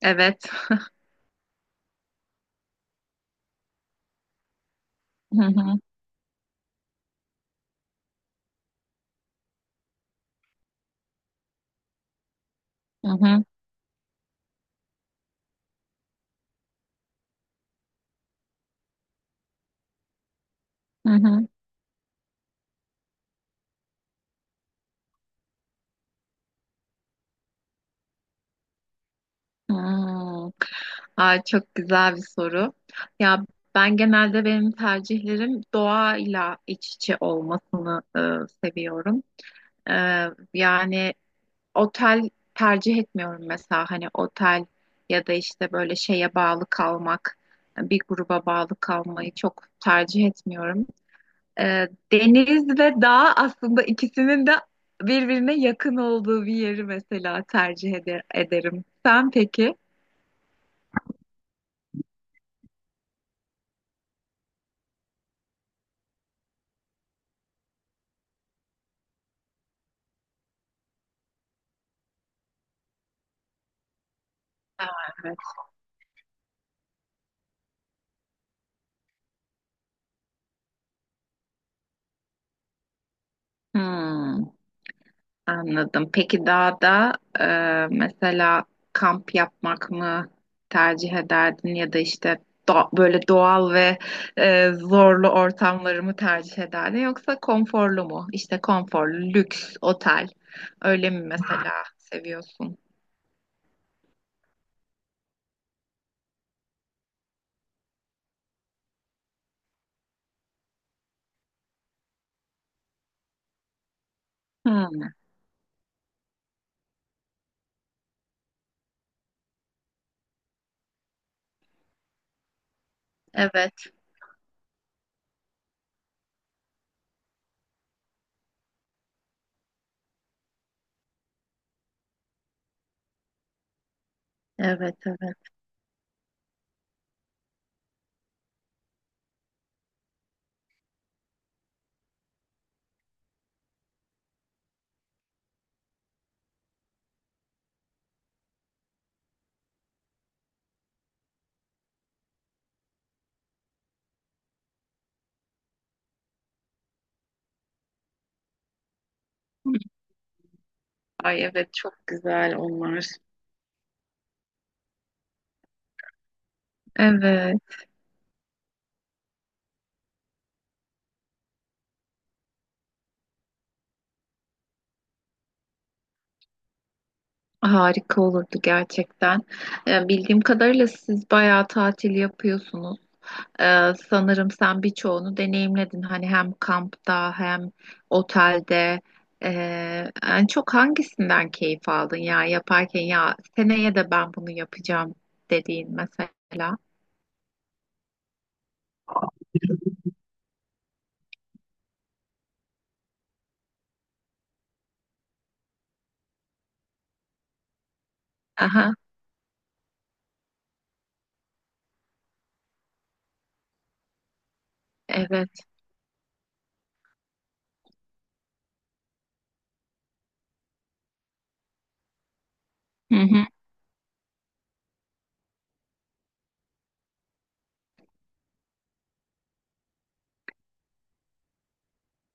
Evet. Hı hı, hı hı, hı hı. Hmm. Ay, çok güzel bir soru. Ya ben genelde benim tercihlerim doğayla iç içe olmasını seviyorum. E, Yani otel tercih etmiyorum mesela hani otel ya da işte böyle şeye bağlı kalmak, bir gruba bağlı kalmayı çok tercih etmiyorum. Deniz ve dağ aslında ikisinin de birbirine yakın olduğu bir yeri mesela ederim. Sen peki? Evet. Hmm, anladım. Peki dağda, mesela kamp yapmak mı tercih ederdin ya da işte böyle doğal ve zorlu ortamları mı tercih ederdin yoksa konforlu mu? İşte konforlu, lüks, otel öyle mi mesela seviyorsun? Hmm. Evet, evet. Ay evet, çok güzel onlar. Evet. Harika olurdu gerçekten. Bildiğim kadarıyla siz bayağı tatil yapıyorsunuz. Sanırım sen birçoğunu deneyimledin. Hani hem kampta hem otelde. En çok hangisinden keyif aldın, ya yaparken ya seneye de ben bunu yapacağım dediğin mesela. Aha, evet. Hı hı.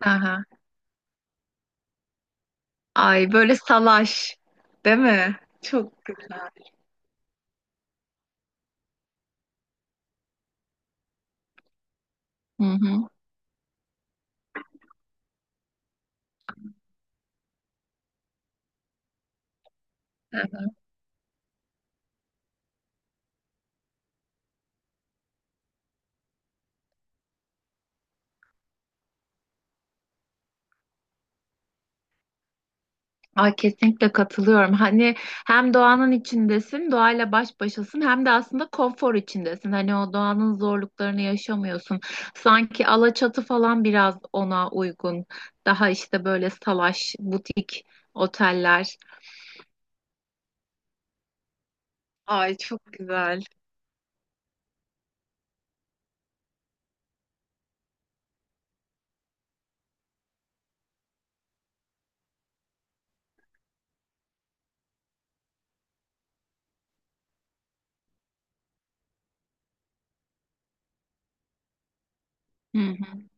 Aha. Ay böyle salaş, değil mi? Çok güzel. Hı hı. Evet. Ay, kesinlikle katılıyorum. Hani hem doğanın içindesin, doğayla baş başasın hem de aslında konfor içindesin. Hani o doğanın zorluklarını yaşamıyorsun. Sanki Alaçatı falan biraz ona uygun. Daha işte böyle salaş, butik oteller. Ay çok güzel. Hı hı.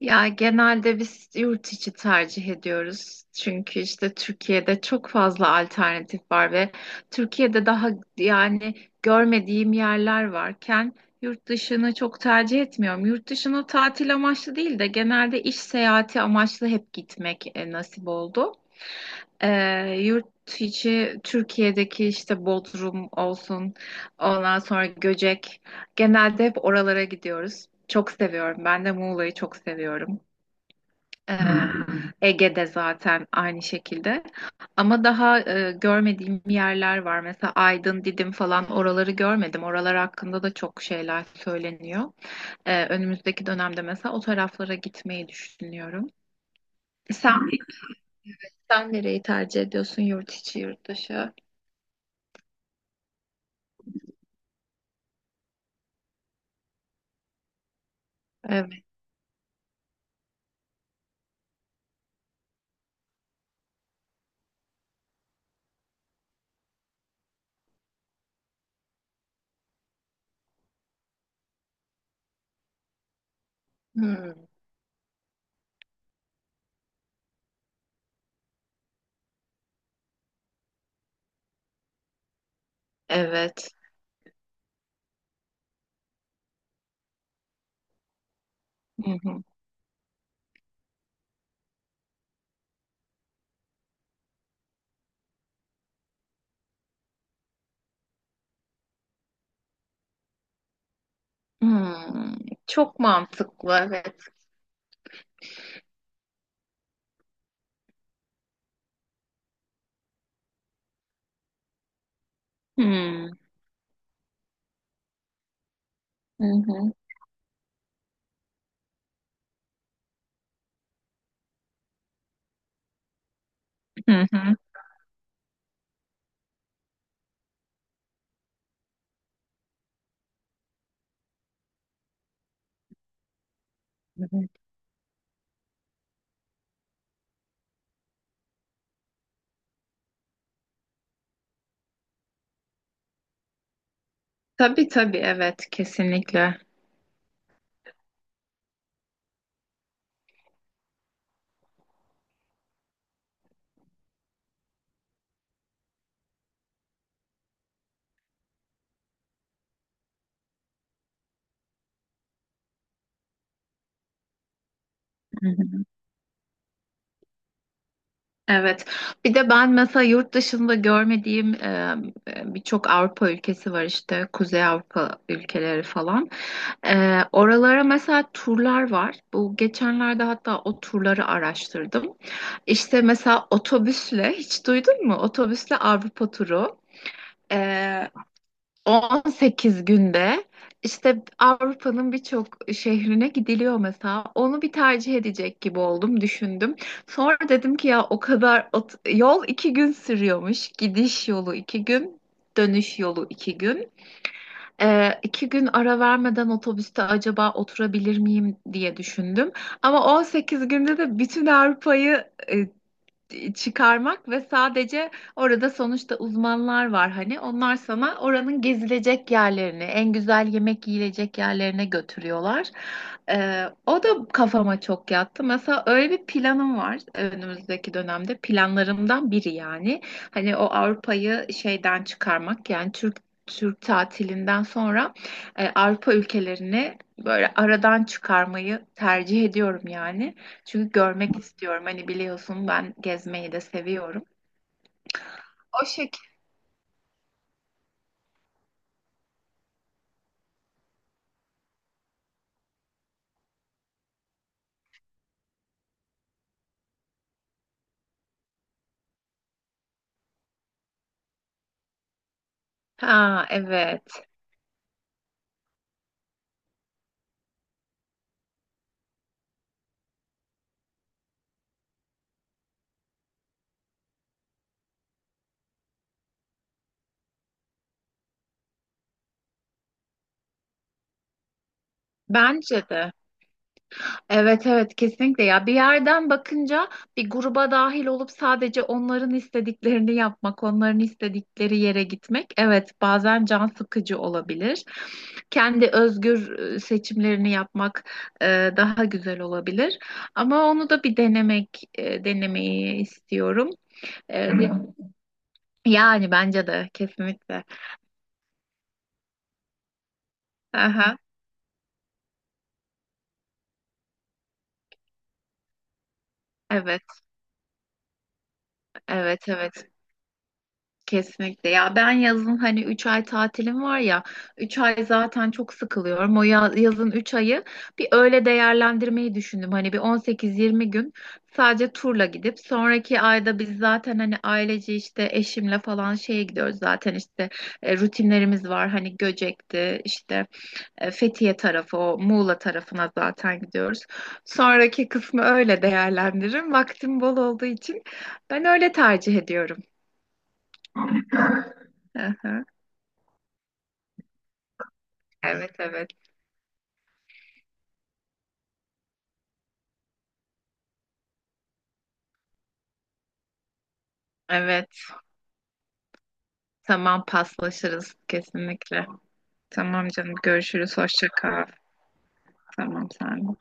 Ya genelde biz yurt içi tercih ediyoruz. Çünkü işte Türkiye'de çok fazla alternatif var ve Türkiye'de daha yani görmediğim yerler varken yurt dışını çok tercih etmiyorum. Yurt dışına tatil amaçlı değil de genelde iş seyahati amaçlı hep gitmek nasip oldu. Yurt içi Türkiye'deki işte Bodrum olsun, ondan sonra Göcek. Genelde hep oralara gidiyoruz. Çok seviyorum. Ben de Muğla'yı çok seviyorum. Ee, Ege'de zaten aynı şekilde. Ama daha görmediğim yerler var. Mesela Aydın, Didim falan oraları görmedim. Oralar hakkında da çok şeyler söyleniyor. Önümüzdeki dönemde mesela o taraflara gitmeyi düşünüyorum. Sen, sen nereyi tercih ediyorsun? Yurt içi, yurt dışı? Evet. Hmm. Evet. Hı hı. Hmm. Çok mantıklı. Evet. Hmm. Hı hı. Hı hı. Tabii, tabii, evet, kesinlikle. Hı hı. Evet. Bir de ben mesela yurt dışında görmediğim birçok Avrupa ülkesi var, işte Kuzey Avrupa ülkeleri falan. Oralara mesela turlar var. Bu geçenlerde hatta o turları araştırdım. İşte mesela otobüsle hiç duydun mu? Otobüsle Avrupa turu. Ee, 18 günde işte Avrupa'nın birçok şehrine gidiliyor mesela. Onu bir tercih edecek gibi oldum, düşündüm. Sonra dedim ki ya o kadar yol 2 gün sürüyormuş. Gidiş yolu 2 gün, dönüş yolu 2 gün. 2 gün ara vermeden otobüste acaba oturabilir miyim diye düşündüm. Ama 18 günde de bütün Avrupa'yı çıkarmak ve sadece orada sonuçta uzmanlar var, hani onlar sana oranın gezilecek yerlerini, en güzel yemek yiyilecek yerlerine götürüyorlar. O da kafama çok yattı. Mesela öyle bir planım var, önümüzdeki dönemde planlarımdan biri yani. Hani o Avrupa'yı şeyden çıkarmak, yani Türk tatilinden sonra Avrupa ülkelerini böyle aradan çıkarmayı tercih ediyorum yani. Çünkü görmek istiyorum. Hani biliyorsun, ben gezmeyi de seviyorum. O şekilde. Ha, evet. Bence de. Evet, evet, kesinlikle. Ya bir yerden bakınca bir gruba dahil olup sadece onların istediklerini yapmak, onların istedikleri yere gitmek, evet, bazen can sıkıcı olabilir. Kendi özgür seçimlerini yapmak e, daha güzel olabilir. Ama onu da bir denemeyi istiyorum. E, Yani bence de kesinlikle. Aha, evet, evet, evet. Kesinlikle. Ya ben yazın hani 3 ay tatilim var ya, 3 ay zaten çok sıkılıyorum. O yazın 3 ayı bir öyle değerlendirmeyi düşündüm. Hani bir 18-20 gün sadece turla gidip sonraki ayda biz zaten hani ailece işte eşimle falan şeye gidiyoruz zaten, işte rutinlerimiz var. Hani Göcek'ti işte, Fethiye tarafı, o Muğla tarafına zaten gidiyoruz. Sonraki kısmı öyle değerlendiririm. Vaktim bol olduğu için ben öyle tercih ediyorum. Aha. Evet, evet. Evet, tamam, paslaşırız kesinlikle. Tamam canım, görüşürüz. Hoşça kal. Tamam, sen de.